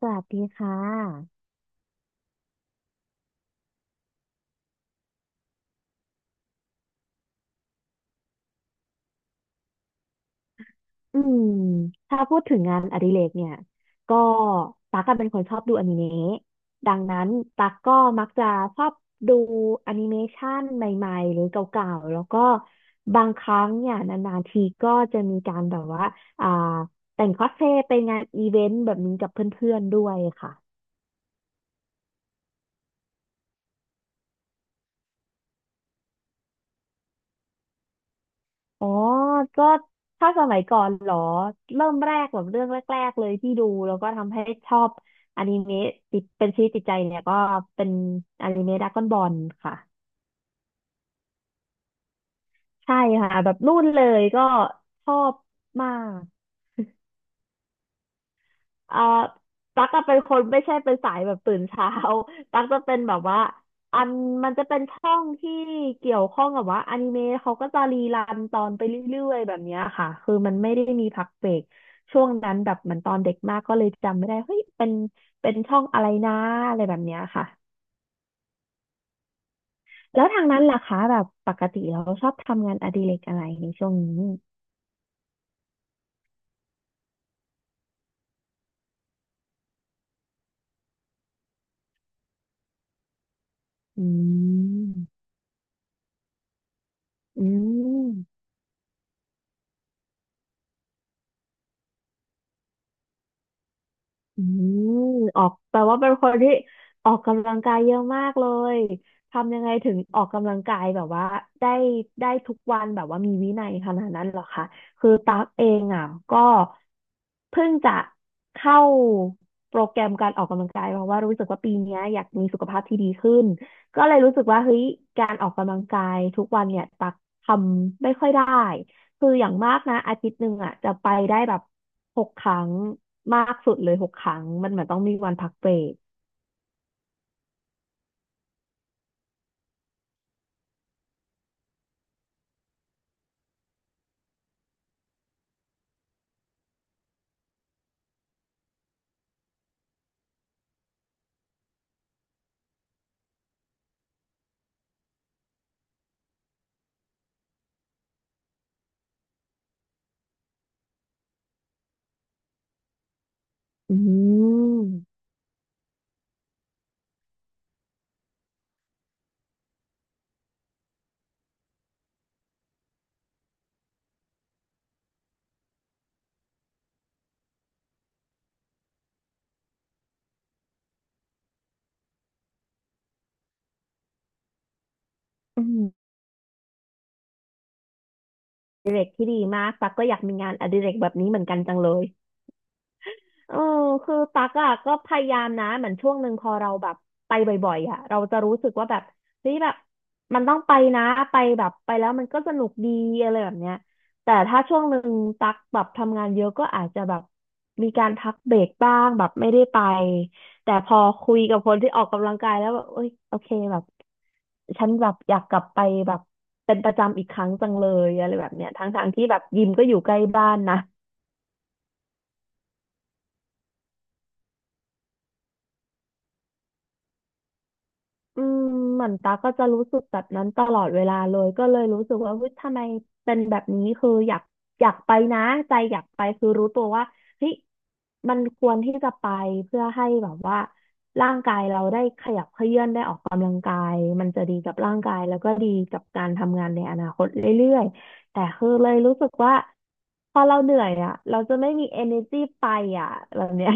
สวัสดีค่ะ อืม ถ้าพูดถึงงานอดิเรกเนี่ย ก็ตั๊กอะเป็นคนชอบดูอนิเมะดังนั้นตั๊กก็มักจะชอบดูแอนิเมชันใหม่ๆหรือเก่าๆ แล้วก็บางครั้งเนี่ยนานๆทีก็จะมีการแบบว่าอ่าแต่งคอสเพลย์ไปงานอีเวนต์แบบนี้กับเพื่อนๆด้วยค่ะ อ๋อ ก็ถ้าสมัยก่อนเหรอ เริ่มแรกแบบเรื่องแรกๆเลยที่ดูแล้วก็ทำให้ชอบอนิเมะติดเป็นชีวิตจิตใจเนี่ยก็เป็นอนิเมะดราก้อนบอลค่ะใช่ค่ะแบบนู่นเลยก็ชอบมาก เอ่อตั๊กจะเป็นคนไม่ใช่เป็นสายแบบตื่นเช้า ตั๊กจะเป็นแบบว่าอันมันจะเป็นช่องที่เกี่ยวข้องกับว่าอนิเมะเขาก็จะรีรันตอนไปเรื่อยๆแบบเนี้ยค่ะคือมันไม่ได้มีพักเบรกช่วงนั้นแบบเหมือนตอนเด็กมากก็เลยจำไม่ได้เฮ้ยเป็นช่องอะไรนะอะไรแบบเนี้ยค่ะแล้วทางนั้นล่ะคะแบบปกติเราชอบทำงานอดิเรกอะไรในช่วงนี้อืมอืม อืมออกแปลว่าเป็นคนที่ออกกำลังกายเยอะมากเลยทำยังไงถึงออกกำลังกายแบบว่าได้ได้ทุกวันแบบว่ามีวินัยขนาดนั้นเหรอคะคือตั๊กเองอ่ะก็เพิ่งจะเข้าโปรแกรมการออกกำลังกายเพราะว่ารู้สึกว่าปีเนี้ยอยากมีสุขภาพที่ดีขึ้นก็เลยรู้สึกว่าเฮ้ยการออกกำลังกายทุกวันเนี่ยตั๊กทำไม่ค่อยได้ คืออย่างมากนะอาทิตย์หนึ่งอ่ะจะไปได้แบบหกครั้งมากสุดเลยหกครั้งมันเหมือนต้องมีวันพักเบรกอืมอืมอดิเรกที่ดีมากตักก็อยากมีงานอดิเรกแบบนี้เหมือนกันจังเลย เออคือตักอ่ะก็พยายามนะเหมือนช่วงหนึ่งพอเราแบบไปบ่อยๆอ่ะเราจะรู้สึกว่าแบบเฮ้ยแบบมันต้องไปนะไปแบบไปแล้วมันก็สนุกดีอะไรแบบเนี้ยแต่ถ้าช่วงหนึ่งตักแบบทำงานเยอะก็อาจจะแบบมีการพักเบรกบ้างแบบไม่ได้ไปแต่พอคุยกับคนที่ออกกำลังกายแล้วแบบเอ้ยโอเคแบบฉันแบบอยากกลับไปแบบเป็นประจำอีกครั้งจังเลยอะไรแบบเนี้ยทั้งๆที่แบบยิมก็อยู่ใกล้บ้านนะ อืมเหมือนตาก็จะรู้สึกแบบนั้นตลอดเวลาเลยก็เลยรู้สึกว่าเฮ้ยทำไมเป็นแบบนี้คืออยากไปนะใจอยากไปคือรู้ตัวว่าเฮ้ยมันควรที่จะไปเพื่อให้แบบว่าร่างกายเราได้ขยับเขยื้อนได้ออกกำลังกายมันจะดีกับร่างกายแล้วก็ดีกับการทำงานในอนาคตเรื่อยๆแต่คือเลยรู้สึกว่าพอเราเหนื่อยอ่ะเราจะไม่มี energy ไปอ่ะแบบเนี้ย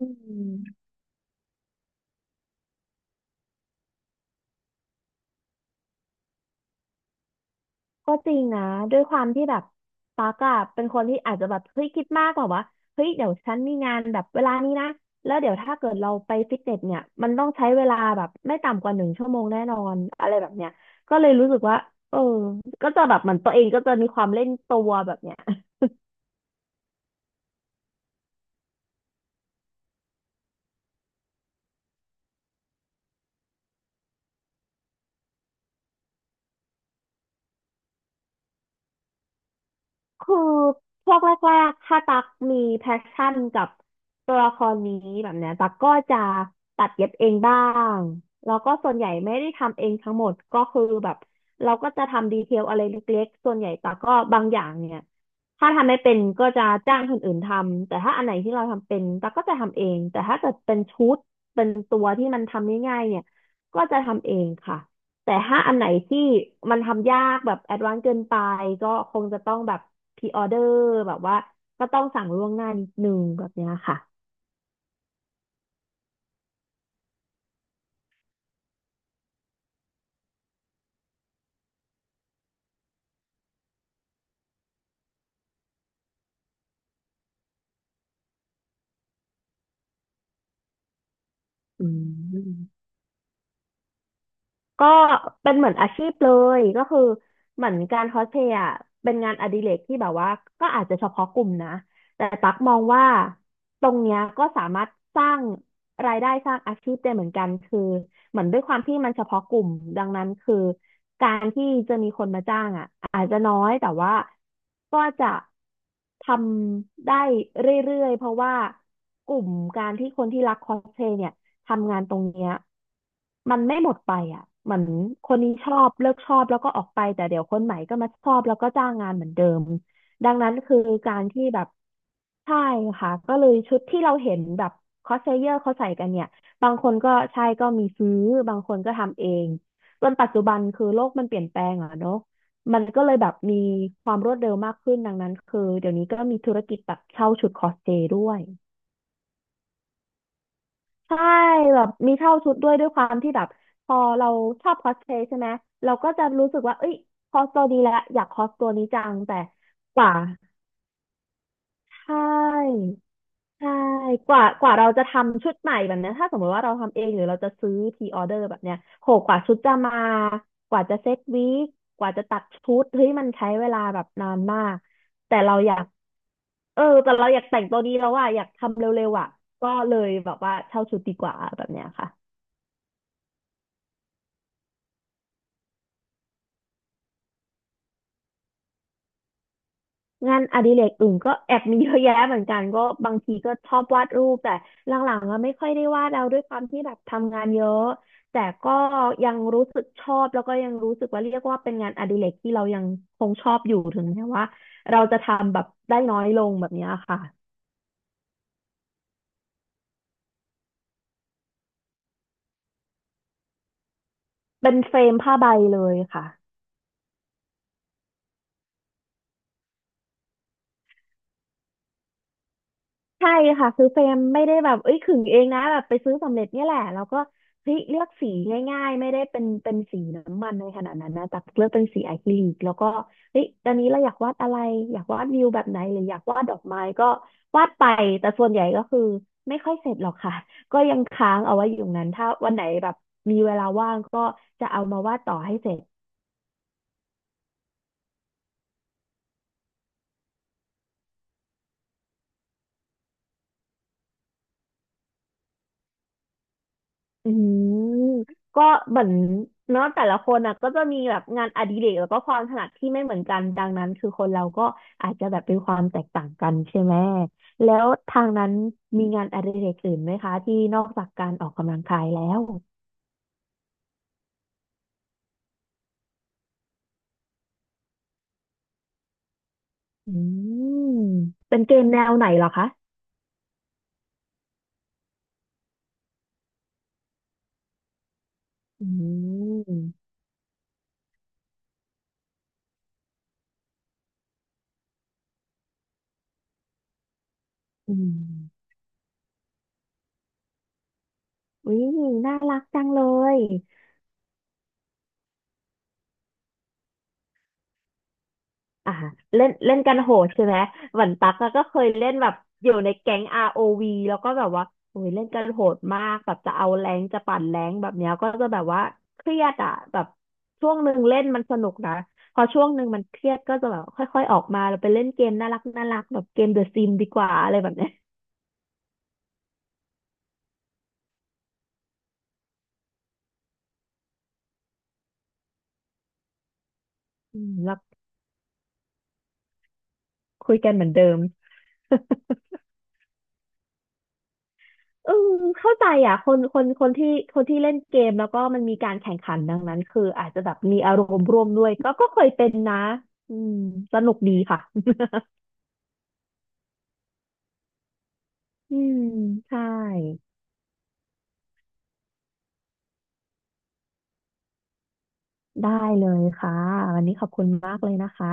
อืม ก็จริงนะด้วยความที่แบบตากอะเป็นคนที่อาจจะแบบเฮ้ยคิดมากแบบว่าเฮ้ยเดี๋ยวฉันมีงานแบบเวลานี้นะแล้วเดี๋ยวถ้าเกิดเราไปฟิตเนสเนี่ยมันต้องใช้เวลาแบบไม่ต่ำกว่า1 ชั่วโมงแน่นอนอะไรแบบเนี้ยก็เลยรู้สึกว่าเออก็จะแบบเหมือนตัวเองก็จะมีความเล่นตัวแบบเนี้ย คือช่วงแรกๆถ้าตักมีแพชชั่นกับตัวละครนี้แบบเนี้ยตักก็จะตัดเย็บเองบ้างแล้วก็ส่วนใหญ่ไม่ได้ทำเองทั้งหมดก็คือแบบเราก็จะทำดีเทลอะไรเล็กๆส่วนใหญ่ตักก็บางอย่างเนี่ยถ้าทำไม่เป็นก็จะจ้างคนอื่นทำแต่ถ้าอันไหนที่เราทำเป็นตักก็จะทำเองแต่ถ้าเกิดเป็นชุดเป็นตัวที่มันทำง่ายๆเนี่ยก็จะทำเองค่ะแต่ถ้าอันไหนที่มันทำยากแบบแอดวานซ์เกินไปก็คงจะต้องแบบ พรีออเดอร์แบบว่าก็ต้องสั่งล่วงหน้านิดนึงแบบเนี้ยค่ะอืม ก็เป็นเหมือนอาชีพเลยก็คือเหมือนการคอสเพลย์อะเป็นงานอดิเรกที่แบบว่าก็อาจจะเฉพาะกลุ่มนะแต่ตักมองว่าตรงเนี้ยก็สามารถสร้างรายได้สร้างอาชีพได้เหมือนกันคือเหมือนด้วยความที่มันเฉพาะกลุ่มดังนั้นคือการที่จะมีคนมาจ้างอ่ะอาจจะน้อยแต่ว่าก็จะทำได้เรื่อยๆเพราะว่ากลุ่มการที่คนที่รักคอสเพลย์เนี่ย ทำงานตรงเนี้ยมันไม่หมดไปอ่ะเหมือนคนนี้ชอบเลิกชอบแล้วก็ออกไปแต่เดี๋ยวคนใหม่ก็มาชอบแล้วก็จ้างงานเหมือนเดิมดังนั้นคือการที่แบบใช่ค่ะก็เลยชุดที่เราเห็นแบบคอสเพลเยอร์เขาใส่กันเนี่ยบางคนก็ใช่ก็มีซื้อบางคนก็ทำเองจนปัจจุบันคือโลกมันเปลี่ยนแปลงอ่ะเนาะมันก็เลยแบบมีความรวดเร็วมากขึ้นดังนั้นคือเดี๋ยวนี้ก็มีธุรกิจแบบเช่าชุดคอสเพลย์ด้วย ใช่แบบมีเช่าชุดด้วยด้วยความที่แบบพอเราชอบคอสเพลย์ใช่ไหมเราก็จะรู้สึกว่าเอ้ยคอสตัวนี้แหล้อยากคอสตัวนี้จังแต่กว่าใช่ใช่กว่าเราจะทำชุดใหม่แบบเนี้ยถ้าสมมติว่าเราทำเองหรือเราจะซื้อพรีออเดอร์แบบเนี้ยโหกว่าชุดจะมากว่าจะเซ็ตวีคกว่าจะตัดชุดเฮ้ยมันใช้เวลาแบบนานมากแต่เราอยากเออแต่เราอยากแต่งตัวนี้แล้วว่าอะอยากทำเร็วๆอ่ะก็เลยแบบว่าเช่าชุดดีกว่าแบบเนี้ยค่ะ งานอดิเรกอื่นก็แอบมีเยอะแยะเหมือนกันก็บางทีก็ชอบวาดรูปแต่หลังๆก็ไม่ค่อยได้วาดแล้วด้วยความที่แบบทำงานเยอะแต่ก็ยังรู้สึกชอบแล้วก็ยังรู้สึกว่าเรียกว่าเป็นงานอดิเรกที่เรายังคงชอบอยู่ถึงแม้ว่าเราจะทำแบบได้น้อยลงแบบเนี้ยค่ะเป็นเฟรมผ้าใบเลยค่ะ ใช่ค่ะคือเฟรมไม่ได้แบบเอ้ยขึงเองนะแบบไปซื้อสำเร็จเนี่ยแหละแล้วก็เฮ้ยเลือกสีง่ายๆไม่ได้เป็นสีน้ำมันในขนาดนั้นนะแต่เลือกเป็นสีอะคริลิกแล้วก็เฮ้ยตอนนี้เราอยากวาดอะไรอยากวาดวิวแบบไหนหรืออยากวาดดอกไม้ก็วาดไปแต่ส่วนใหญ่ก็คือไม่ค่อยเสร็จหรอกค่ะก็ยังค้างเอาไว้อยู่นั้นถ้าวันไหนแบบมีเวลาว่างก็จะเอามาวาดต่อให้เสร็จ อืมก็เหมือนเนาะแต่ละคนอ่ะก็จะมีแบบงานอดิเรกแล้วก็ความถนัดที่ไม่เหมือนกันดังนั้นคือคนเราก็อาจจะแบบเป็นความแตกต่างกันใช่ไหมแล้วทางนั้นมีงานอดิเรกอื่นไหมคะที่นอกจากการออกกำลังกายแล้วอืมเป็นเกมแนวไหนเหรอคะอืมอืมอุ้ยน่ารักจังเลย อ่าเล่นเล่นกันโหดใช่ไหมเหมือนตั๊กอะก็เคยเล่นแบบอยู่ในแก๊ง ROV แล้วก็แบบว่าโอ้ยเล่นกันโหดมากแบบจะเอาแรงจะปั่นแรงแบบเนี้ยก็จะแบบว่าเครียดอะแบบช่วงหนึ่งเล่นมันสนุกนะพอช่วงหนึ่งมันเครียดก็จะแบบค่อยๆออกมาเราไปเล่นเกมน่ารักน่ารักแบบเกมเดอะซิมดีกว่าอะไรแบบเนี้ยอืมแล้วคุยกันเหมือนเดิม อืมเข้าใจอ่ะคนที่คนที่เล่นเกมแล้วก็มันมีการแข่งขันดังนั้นคืออาจจะแบบมีอารมณ์ร่วมด้วยก็ก็เคยเป็นนะอืมสนุกดีค่ะ อืมใช่ได้เลยค่ะวันนี้ขอบคุณมากเลยนะคะ